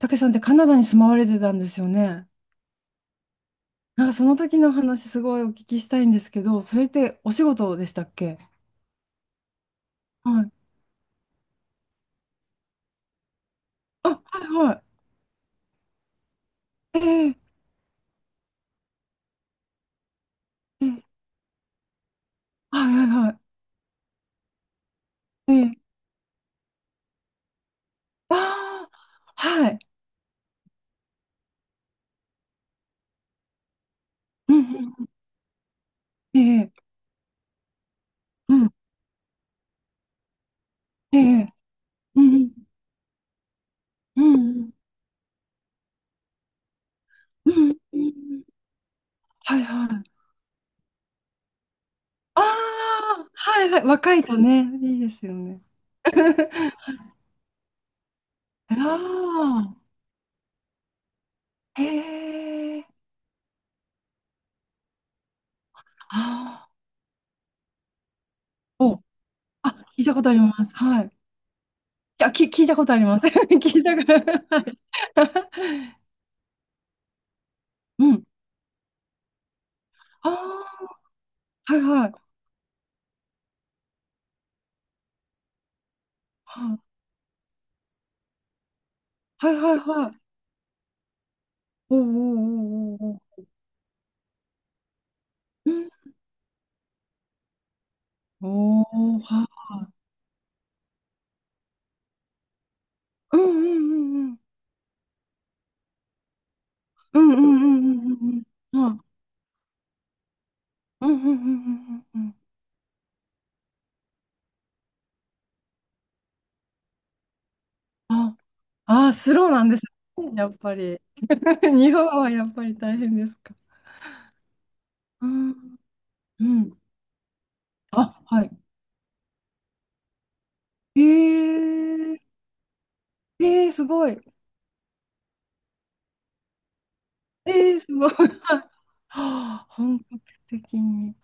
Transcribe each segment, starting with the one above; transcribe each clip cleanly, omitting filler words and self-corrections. たけさんってカナダに住まわれてたんですよね。なんかその時の話すごいお聞きしたいんですけど、それってお仕事でしたっけ？はい。あ、はいはい。ええええはいはいはい。ええああ、はい。うんうん。ええうん。ええうんうんうんうんうんうんはいはい。ああ、はいはい。若いとね、いいですよね。ああ、へえ、ああ、お、あ、聞いたことあります。はい。いや、聞いたことあります。聞いたこと、はい。うん。ああ、はいはい。ははいはいはい。おーおーおーおーおー。うんおーは、うんうんうんうん。うんうんうんうんうんうんうんうんうんうんはいうんうんうんうんうんうん。あ、あー、スローなんです。やっぱり。日本はやっぱり大変ですか？うん。うん。あ、はい。えー、えー、すごい。えー、すごい。はいはあ本格的に。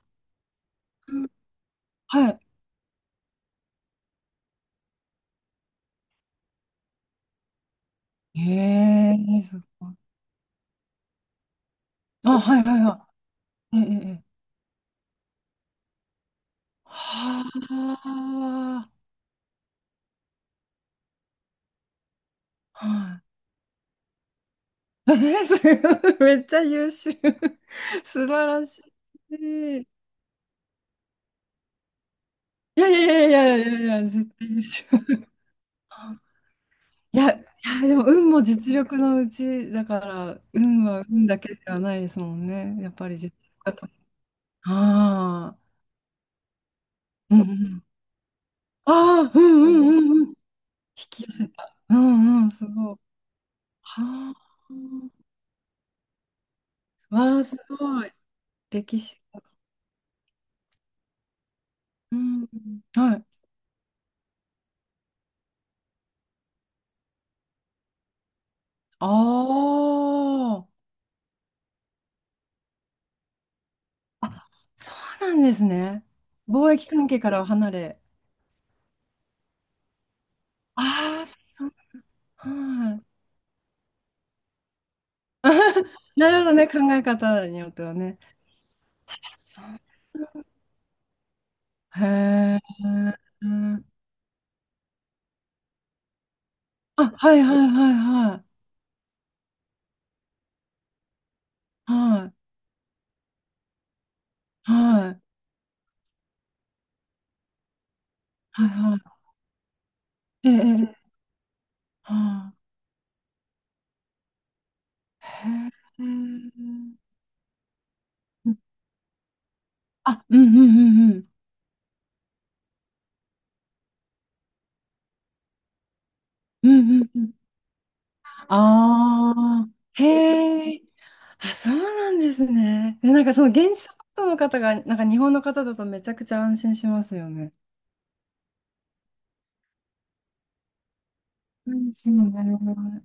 はい。ええすごい。あ、はいはいはい。ええええはあ、はい。えー、すごい。めっちゃ優秀。素晴らしい。いやいやいやいやいやいや、絶対優秀。いや、いや、でも運も実力のうちだから、運は運だけではないですもんね。やっぱり実力だああ、うんうん。ああ、うんうんうんうん。引き寄せた。うんうん、すごい。はあ、わあ、すごい。歴史が。うん。はい。ああ。あ、そうなんですね。貿易関係からは離れ。ああ、そう。はい。なるほどね、考え方によってはね。あそう。へえ。あ、はいはいはいはい。はい。はい。はいはい。ええ、ええはい。へえ。あ、うんうんうんうん。うんうんうんああ、へえ。あ、そうなんですね。で、なんかその現地サポートの方が、なんか日本の方だとめちゃくちゃ安心しますよね。安心そうなるほど。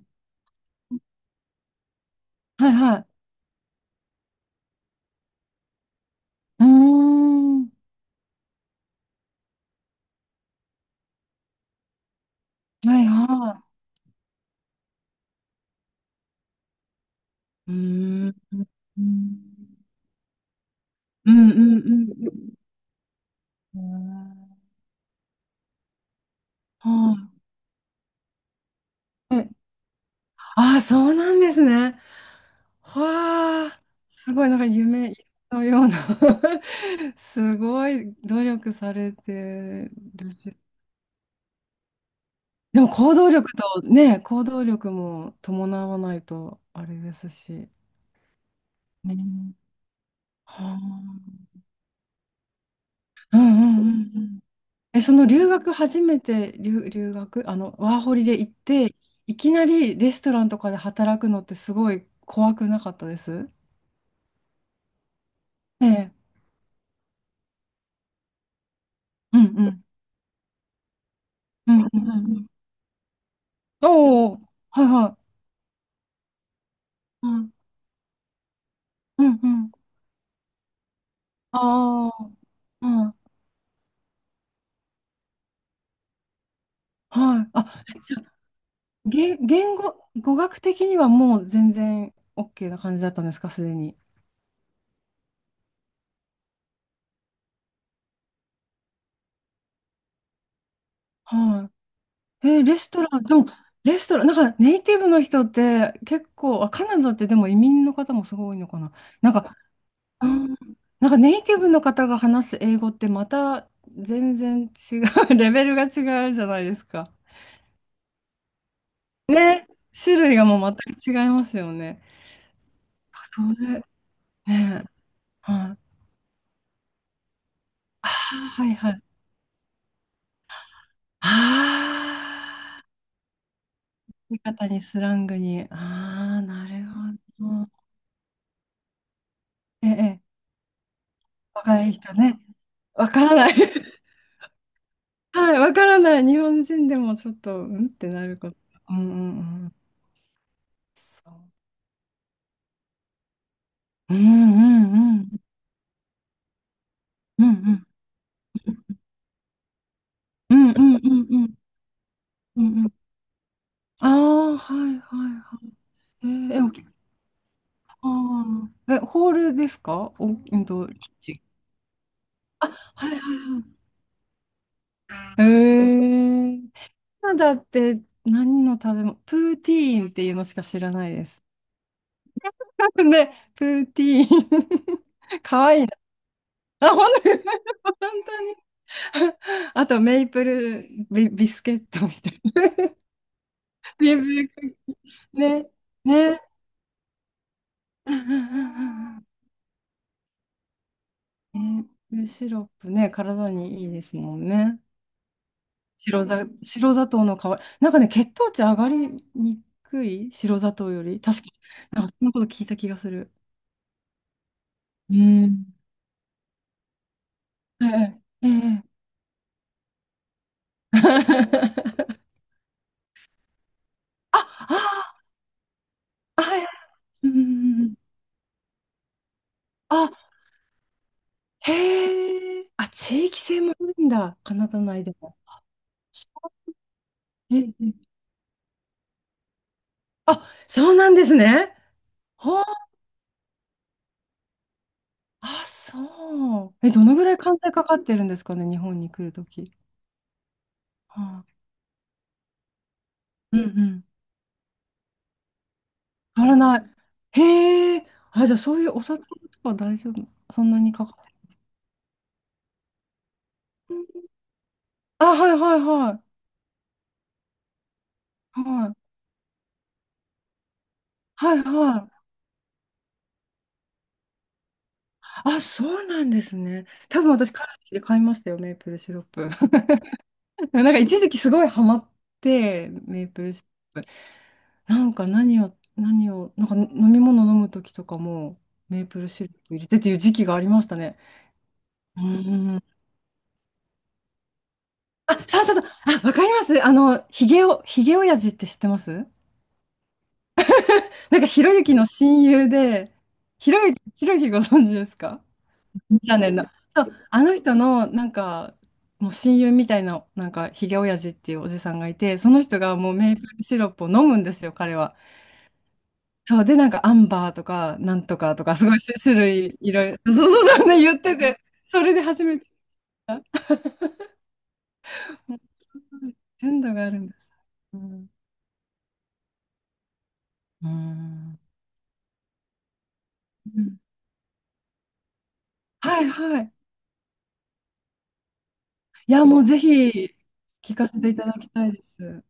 はいはい。うーん。はいはい。うーん。うんうんうんうん。はい。えああ、そうなんですね。わあ、すごい、なんか夢のような すごい努力されてるし。でも行動力とね、行動力も伴わないとあれですし。ね。はあ。うんうんうんうん。え、その留学初めて留学、あの、ワーホリで行って、いきなりレストランとかで働くのってすごい怖くなかったですええ。うんうん。うんうんうんうん。おお、はいはい。うんうんうん。ああ。うん。はい。あ、じゃあ言、言語、語学的にはもう全然 OK な感じだったんですか、すでに？はい。レストラン、でも、レストラン、なんかネイティブの人って結構、あ、カナダってでも移民の方もすごい多いのかな？なんか、あー、なんかネイティブの方が話す英語ってまた全然違う、レベルが違うじゃないですか？ね。種類がもう全く違いますよね。それ、ね、はい。ああはいはい。ああ。言い方にスラングに。ああ、なるほど。ええ、若い人ね。わからない。はい、わからない。日本人でもちょっと、うんってなること。うんうんうん。そう。うんうんうん。うんうん。うんうんうんうん。うんうん。ああ、はいはいはい。え、おき、あーえ、ホールですかお、キッチン。あ、はいはいはい。えカナダって何の食べ物プーティーンっていうのしか知らないです。ねプーティーン。かわいいな。あ、本当に、本当に。あと、メイプルビ、ビスケットみたいな。メイプルクッキー。ね、ね。うんうんうんうんねメイプルシロップね、体にいいですもんね。白砂糖の代わり。なんかね、血糖値上がりにくい白砂糖より。確かに。なんか、そんなこと聞いた気がする。うん。ええ、ええ。あ、あ、はい。うんうんうん。あ、へえ。あ、地域性もあるんだ。カナダ内でも。ええ、ええあ、そうなんですね。ほう。あ、そう。え、どのぐらい関税かかってるんですかね、日本に来るとき？はあ、うんうん。変わらない。へえ。あ、じゃあそういうお札とか大丈夫。そんなにかかってる？あ、はいはいはい。はい。はいはい。あ、そうなんですね。多分私、カルディで買いましたよ、メープルシロップ。なんか一時期すごいハマって、メープルシロップ。なんか何を、なんか飲み物飲む時とかも、メープルシロップ入れてっていう時期がありましたね。うん。あ、そうそうそう。あ、わかります。あの、ヒゲ親父って知ってますなんか、ひろゆきの親友で、ひろゆきご存知ですか？チャンネルの。そう、あの人の、なんか、もう親友みたいな、なんか、ひげおやじっていうおじさんがいて、その人がもうメープルシロップを飲むんですよ、彼は。そう、で、なんか、アンバーとか、なんとかとか、すごい種類、いろいろ ね言ってて、それで初めて、純度があるんです。うんうんはいはい。いや、もうぜひ、聞かせていただきたいです。